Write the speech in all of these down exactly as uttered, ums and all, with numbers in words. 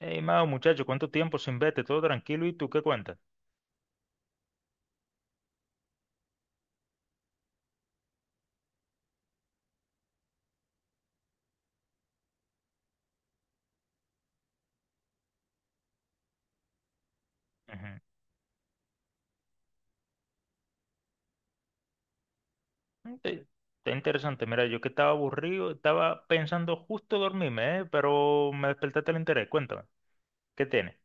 Hey, Mao, muchacho, ¿cuánto tiempo sin verte? Todo tranquilo, ¿y tú qué cuentas? Ujú. Te- Está interesante. Mira, yo que estaba aburrido, estaba pensando justo dormirme, ¿eh? Pero me despertaste el interés. Cuéntame, ¿qué tienes?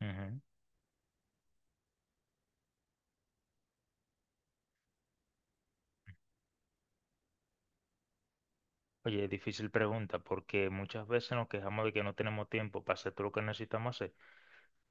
Ujú. Oye, difícil pregunta, porque muchas veces nos quejamos de que no tenemos tiempo para hacer todo lo que necesitamos hacer.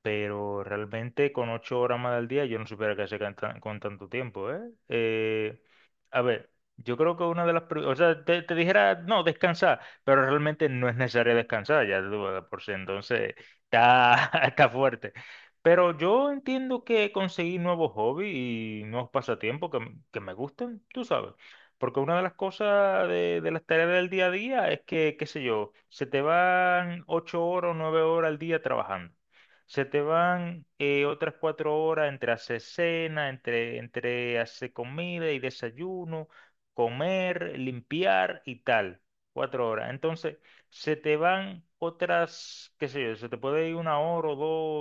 Pero realmente con ocho horas más al día yo no supiera qué hacer con, tan- con tanto tiempo, ¿eh? Eh, a ver, yo creo que una de las... pri- O sea, te, te dijera, no, descansar, pero realmente no es necesario descansar, ya tú, de por sí, entonces está, está fuerte. Pero yo entiendo que conseguí nuevos hobbies y nuevos pasatiempos que, m- que me gusten, tú sabes. Porque una de las cosas de, de las tareas del día a día es que, qué sé yo, se te van ocho horas o nueve horas al día trabajando. Se te van eh, otras cuatro horas entre hacer cena, entre, entre hacer comida y desayuno, comer, limpiar y tal. Cuatro horas. Entonces, se te van otras, qué sé yo, se te puede ir una hora o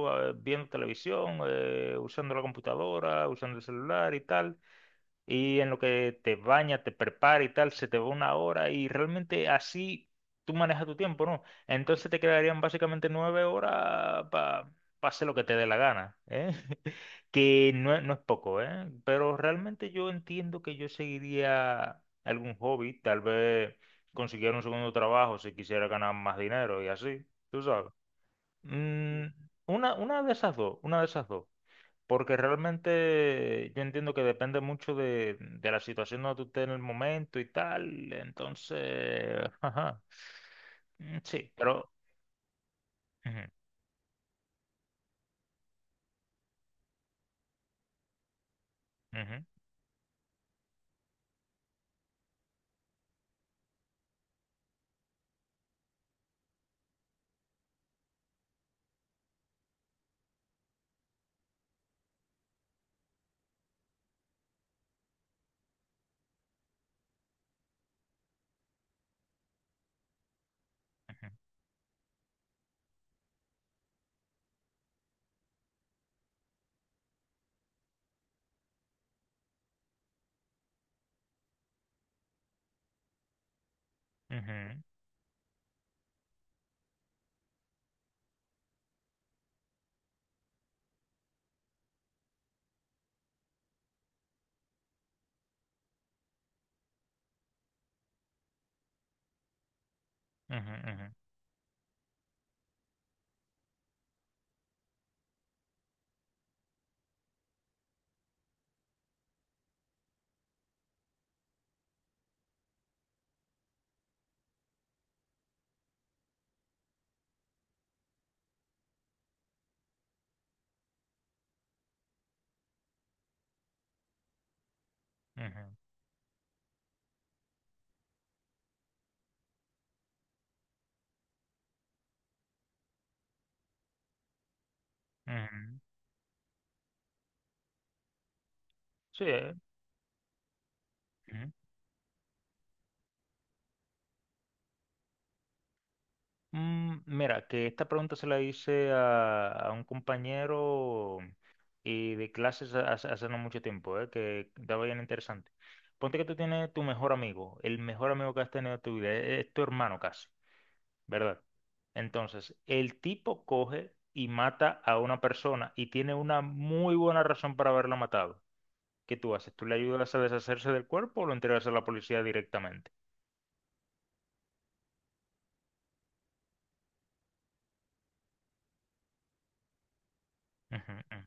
dos eh, viendo televisión, eh, usando la computadora, usando el celular y tal y en lo que te bañas, te preparas y tal, se te va una hora y realmente así tú manejas tu tiempo, ¿no? Entonces te quedarían básicamente nueve horas para hacer lo que te dé la gana, ¿eh? Que no es, no es poco, ¿eh? Pero realmente yo entiendo que yo seguiría algún hobby, tal vez consiguiera un segundo trabajo si quisiera ganar más dinero y así, tú sabes. Mm, una, una de esas dos, una de esas dos. Porque realmente yo entiendo que depende mucho de, de la situación donde tú estés en el momento y tal. Entonces, ajá. Mm, sí, pero... ujú, ujú, ujú, ujú, ujú, ujú, ujú. Sí. eh, ujú. Mm, mira, que esta pregunta se la hice a, a un compañero y de clases ha- hace, hace no mucho tiempo, eh, que estaba bien interesante. Ponte que tú tienes tu mejor amigo, el mejor amigo que has tenido en tu vida, es es tu hermano casi. ¿Verdad? Entonces, el tipo coge y mata a una persona y tiene una muy buena razón para haberla matado. ¿Qué tú haces? ¿Tú le ayudas a deshacerse del cuerpo o lo entregas a la policía directamente? Ujú, ujú,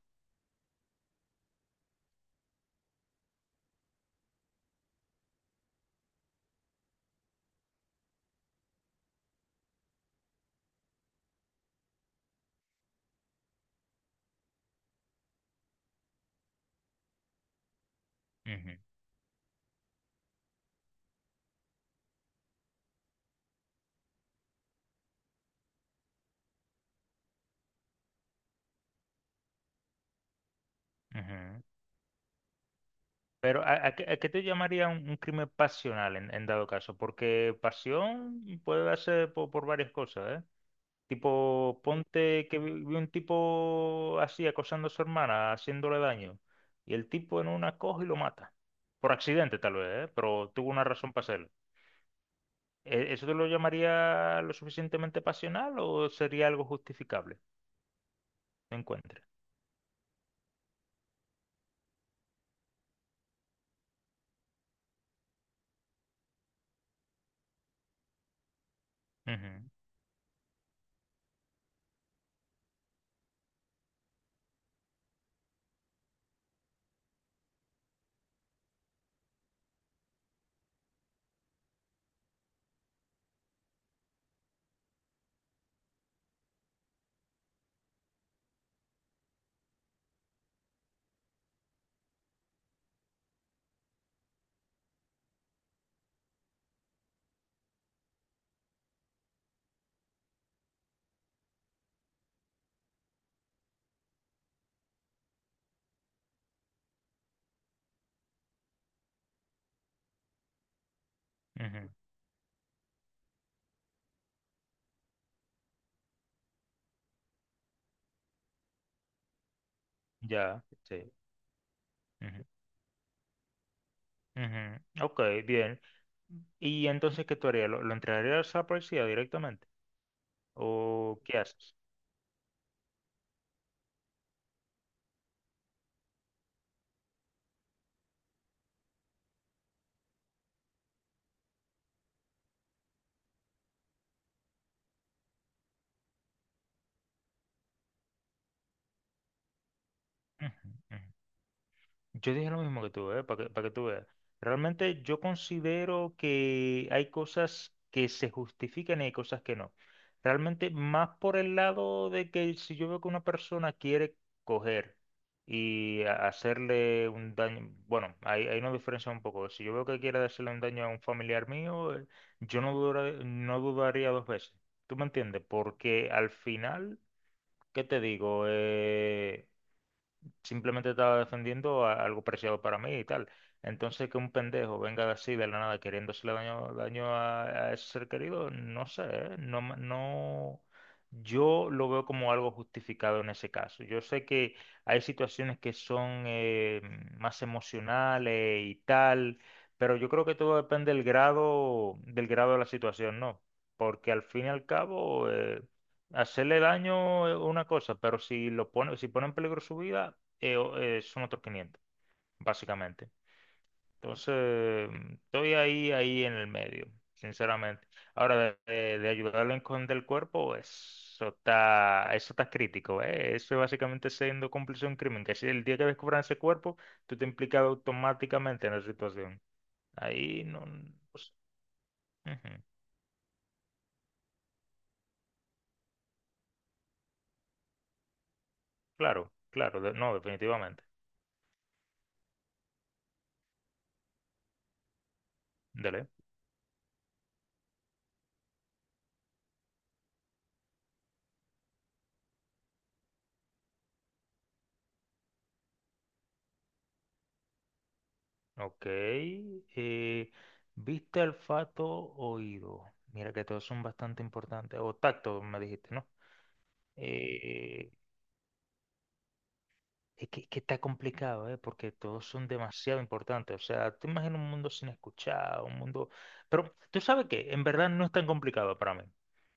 ujú, ujú. Pero, ¿a, a qué a qué te llamaría un, un crimen pasional en, en dado caso? Porque pasión puede darse po- por, varias cosas, ¿eh? Tipo, ponte que vi vi un tipo así acosando a su hermana, haciéndole daño, y el tipo en una coge y lo mata. Por accidente tal vez, ¿eh? Pero tuvo una razón para hacerlo. ¿E- ¿Eso te lo llamaría lo suficientemente pasional o sería algo justificable? No encuentre. Ujú, ujú, ya, sí. Ujú, ujú, ok, bien. ¿Y entonces qué tú harías? ¿Lo, lo entregarías a la policía directamente? ¿O qué haces? Ujú, ujú. Yo dije lo mismo que tú, ¿eh? Para que, para que tú veas. Realmente yo considero que hay cosas que se justifican y hay cosas que no. Realmente más por el lado de que si yo veo que una persona quiere coger y a- hacerle un daño, bueno, ahí, ahí nos diferencia un poco. Si yo veo que quiere hacerle un daño a un familiar mío, eh, yo no dudar- no dudaría dos veces. ¿Tú me entiendes? Porque al final, ¿qué te digo? Eh, simplemente estaba defendiendo a- algo preciado para mí y tal. Entonces, que un pendejo venga así de la nada queriendo hacerle daño, daño a, a ese ser querido, no sé, ¿eh? No, me- no, yo lo veo como algo justificado en ese caso. Yo sé que hay situaciones que son eh, más emocionales y tal, pero yo creo que todo depende del grado, del grado de la situación, ¿no? Porque al fin y al cabo... eh, hacerle daño es una cosa, pero si lo pone, si pone en peligro su vida, eh, o- eh, son otros quinientos, básicamente. Entonces, mm, estoy ahí, ahí en el medio, sinceramente. Ahora, de, de- de ayudarlo a esconder el cuerpo, eso está, eso está crítico, ¿eh? Eso es básicamente siendo cómplice de un crimen, que si el día que descubran ese cuerpo, tú te implicas automáticamente en la situación. Ahí no... no sé. Ujú. Claro, claro, de- no, definitivamente. Dele. Ok. eh, vista, olfato, oído. Mira que todos son bastante importantes. O tacto, me dijiste, ¿no? Eh, es que, que está complicado, ¿eh? Porque todos son demasiado importantes. O sea, te imaginas un mundo sin escuchar, un mundo... Pero tú sabes que en verdad no es tan complicado para mí.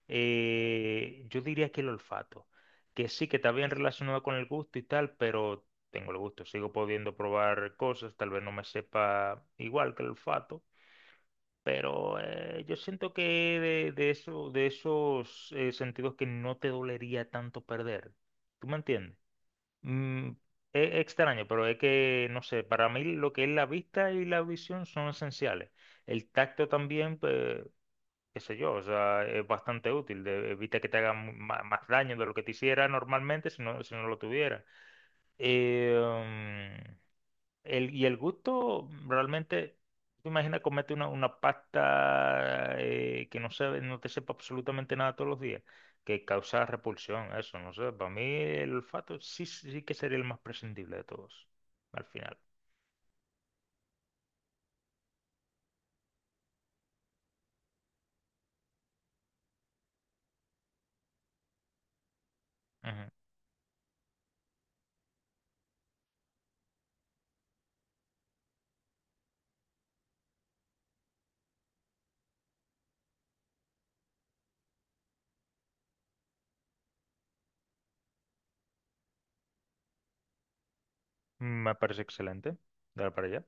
Eh, yo diría que el olfato, que sí que está bien relacionado con el gusto y tal, pero tengo el gusto, sigo pudiendo probar cosas, tal vez no me sepa igual que el olfato. Pero eh, yo siento que de, de eso, de esos eh, sentidos que no te dolería tanto perder. ¿Tú me entiendes? Mm, es es extraño, pero es que, no sé, para mí lo que es la vista y la visión son esenciales. El tacto también, pues, qué sé yo, o sea, es bastante útil. De- evita que te haga mu- ma- más, daño de lo que te hiciera normalmente si no, si no lo tuviera. Eh, mm, el, y el gusto, realmente, tú imaginas comerte una, una pasta eh, que no sabe, no te sepa absolutamente nada todos los días, que causa repulsión, eso, no sé, para mí el olfato sí, sí que sería el más prescindible de todos, al final. Ujú. Me parece excelente. Dale para allá.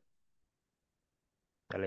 Dale.